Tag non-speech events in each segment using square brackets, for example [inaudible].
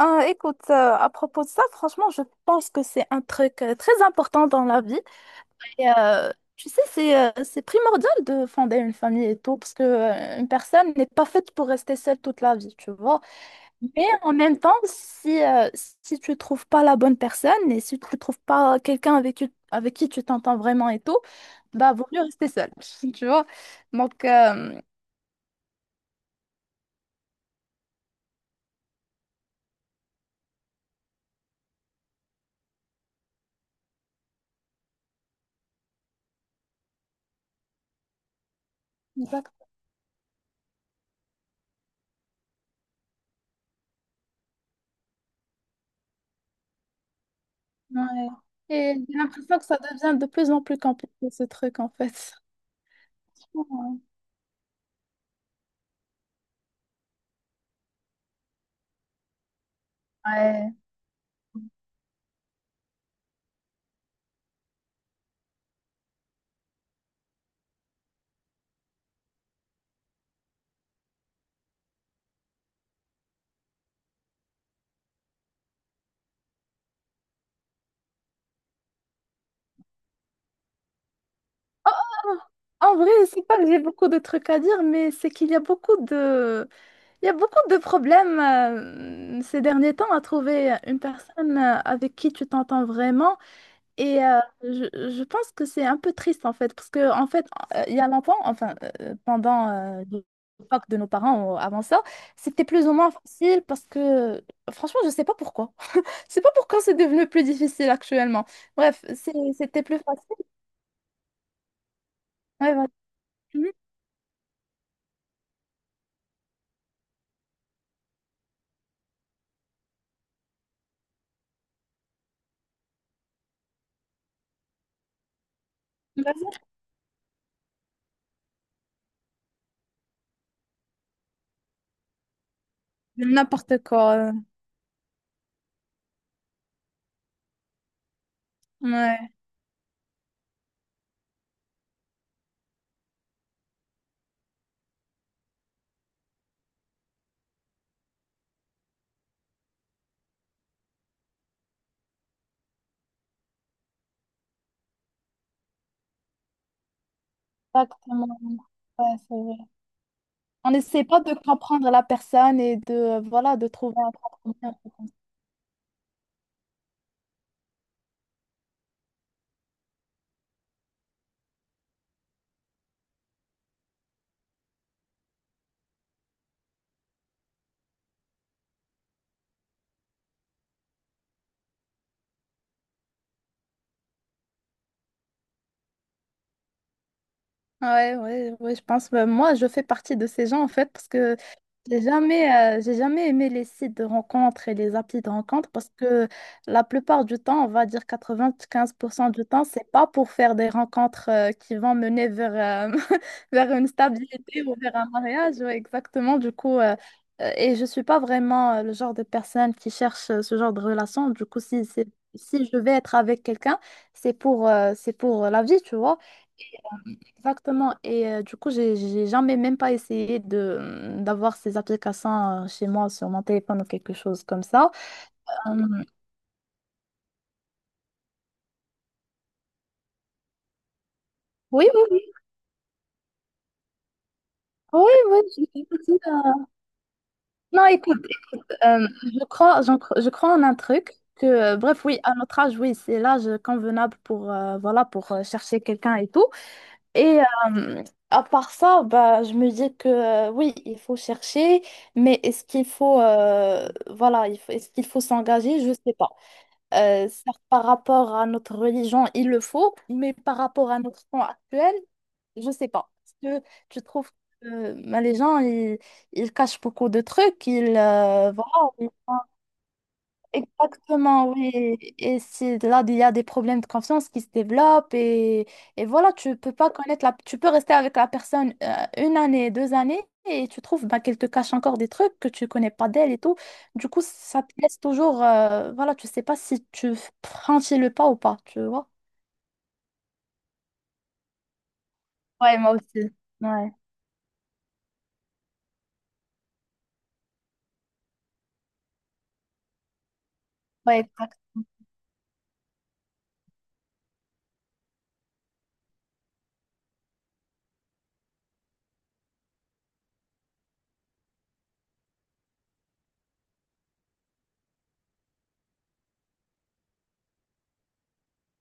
Écoute, à propos de ça, franchement, je pense que c'est un truc très important dans la vie. Et, euh, tu sais, c'est primordial de fonder une famille et tout, parce que une personne n'est pas faite pour rester seule toute la vie, tu vois. Mais en même temps, si tu trouves pas la bonne personne et si tu trouves pas quelqu'un avec qui tu t'entends vraiment et tout, bah, vaut mieux rester seule, [laughs] tu vois. Donc, euh, Exactement, ouais. Et j'ai l'impression que ça devient de plus en plus compliqué, ce truc, en fait. Ouais. En vrai, c'est pas que j'ai beaucoup de trucs à dire, mais c'est qu'il y a beaucoup de problèmes ces derniers temps à trouver une personne avec qui tu t'entends vraiment. Et je pense que c'est un peu triste en fait, parce que en fait, il y a longtemps, enfin pendant l'époque de nos parents ou avant ça, c'était plus ou moins facile parce que franchement, je sais pas pourquoi. [laughs] Je sais pas pourquoi c'est devenu plus difficile actuellement. Bref, c'était plus facile. Ouais, voilà. Mhm. N'importe quoi. Ouais, exactement. Ouais, c'est vrai. On n'essaie pas de comprendre la personne et voilà, de trouver un compromis. Ouais, ouais, ouais, je pense. Bah, moi, je fais partie de ces gens, en fait, parce que j'ai jamais aimé les sites de rencontres et les applis de rencontres parce que la plupart du temps, on va dire 95% du temps, c'est pas pour faire des rencontres qui vont mener vers, [laughs] vers une stabilité ou vers un mariage. Ouais, exactement. Et je suis pas vraiment le genre de personne qui cherche ce genre de relation. Du coup, si je vais être avec quelqu'un, c'est pour la vie, tu vois. Exactement. Et du coup, j'ai jamais même pas essayé de mmh, d'avoir ces applications chez moi sur mon téléphone ou quelque chose comme ça. Euh, oui, oui, oui. Oui, oui. j'ai- j'ai- euh, [laughs] Non, écoute, je crois, je crois en un truc que, bref, oui, à notre âge, oui, c'est l'âge convenable pour, voilà, pour chercher quelqu'un et tout. Et à part ça, bah, je me dis que, oui, il faut chercher, mais est-ce qu'il faut, voilà, est-ce qu'il faut s'engager? Je sais pas. Certes, par rapport à notre religion, il le faut, mais par rapport à notre temps actuel, je sais pas. Parce que je trouve que bah, ils cachent beaucoup de trucs. Voilà, exactement, oui. Et c'est là, il y a des problèmes de confiance qui se développent et voilà, tu peux pas connaître tu peux rester avec la personne une année, deux années et tu trouves bah, qu'elle te cache encore des trucs que tu connais pas d'elle et tout. Du coup, ça te laisse toujours, voilà, tu sais pas si tu franchis le pas ou pas, tu vois. Ouais, moi aussi. Ouais, ouais, exact.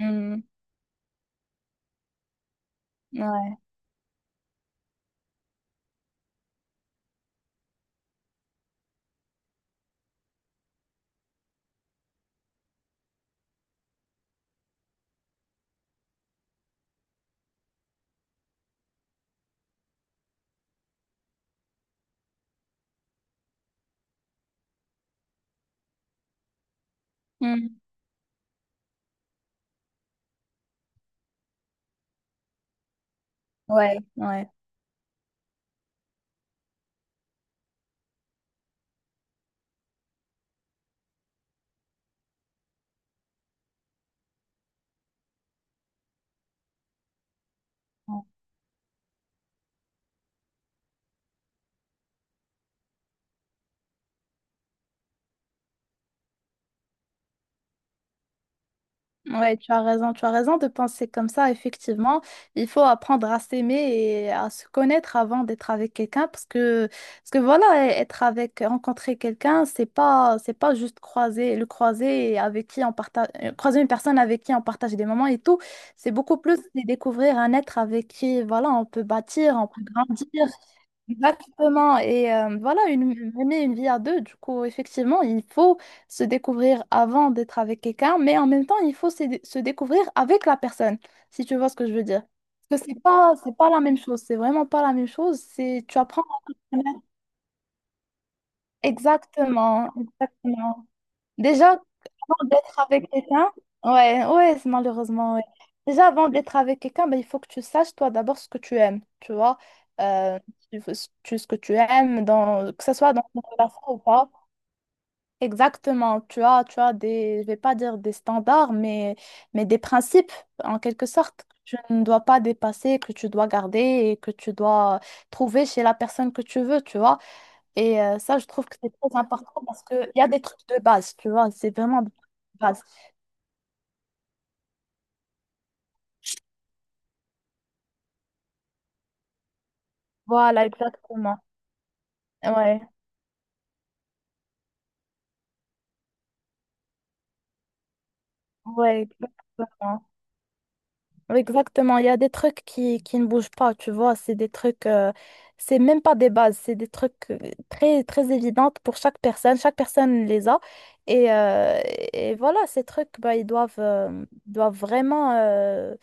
Mm. Ouais. Mm. Ouais, ouais. Ouais, tu as raison de penser comme ça, effectivement. Il faut apprendre à s'aimer et à se connaître avant d'être avec quelqu'un parce que voilà, être avec, rencontrer quelqu'un, c'est pas juste croiser, le croiser et avec qui on partage, croiser une personne avec qui on partage des moments et tout. C'est beaucoup plus de découvrir un être avec qui, voilà, on peut bâtir, on peut grandir. Exactement. Et voilà, mener une vie à deux, du coup, effectivement, il faut se découvrir avant d'être avec quelqu'un, mais en même temps, il faut se découvrir avec la personne, si tu vois ce que je veux dire. Parce que c'est pas la même chose, c'est vraiment pas la même chose. C'est, tu apprends à te connaître. Exactement, exactement. Déjà, avant d'être avec quelqu'un, ouais, c'est- malheureusement, ouais. Déjà, avant d'être avec quelqu'un, ben, il faut que tu saches, toi, d'abord, ce que tu aimes, tu vois. Euh, tu, ce que tu aimes, dans, que ce soit dans une relation ou pas. Exactement, tu as des, je vais pas dire des standards, mais des principes, en quelque sorte, que tu ne dois pas dépasser, que tu dois garder et que tu dois trouver chez la personne que tu veux, tu vois. Et ça, je trouve que c'est très important parce qu'il y a des trucs de base, tu vois, c'est vraiment des trucs de base. Voilà, exactement. Ouais, ouais, exactement. Ouais, exactement, il y a des trucs qui ne bougent pas, tu vois, c'est des trucs, c'est même pas des bases, c'est des trucs très, très évidentes pour chaque personne les a. Et, euh, et voilà, ces trucs, bah, ils doivent, doivent vraiment, euh,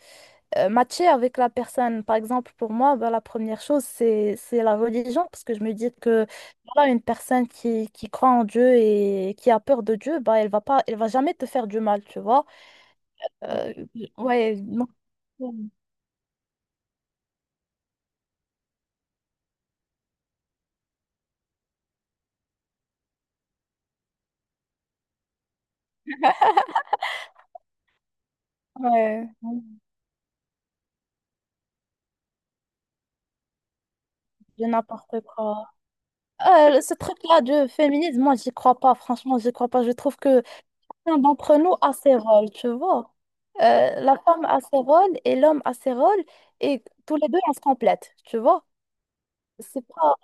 euh, matcher avec la personne. Par exemple, pour moi, ben, la première chose, c'est la religion, parce que je me dis que voilà, une personne qui croit en Dieu et qui a peur de Dieu, bah elle va jamais te faire du mal, tu vois. Euh, ouais, non. Ouais, de n'importe quoi. Ce truc-là de féminisme, moi, j'y crois pas, franchement, j'y crois pas. Je trouve que l'un d'entre nous a ses rôles, tu vois. La femme a ses rôles et l'homme a ses rôles, et tous les deux, on se complète, tu vois. C'est pas.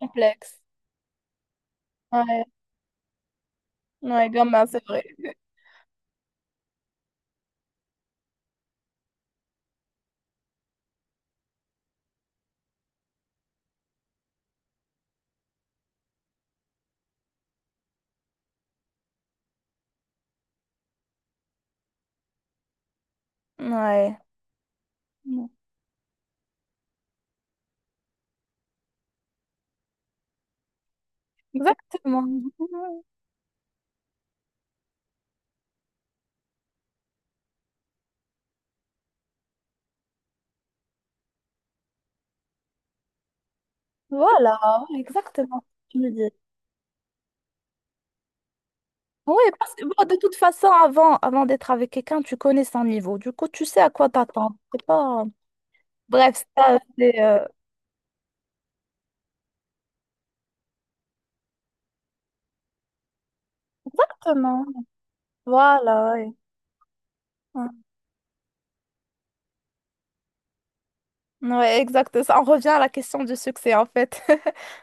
Complexe. Ouais, ouais, grand-mère, c'est vrai. Ouais. Mm. Exactement. Voilà, exactement ce que tu me dis. Oui, parce que bon, de toute façon, avant d'être avec quelqu'un, tu connais son niveau. Du coup, tu sais à quoi t'attendre. C'est pas... Bref, ça, c'est... euh, Exactement. Voilà, ouais. Ouais, ouais, exact. Ça, on revient à la question du succès, en fait. [laughs]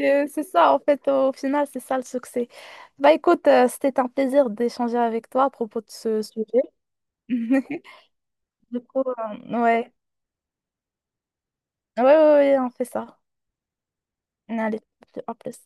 C'est ça, en fait, au final, c'est ça le succès. Bah écoute, c'était un plaisir d'échanger avec toi à propos de ce sujet. [laughs] Ouais. Ouais, ouais, ouais, on fait ça. Allez, à plus.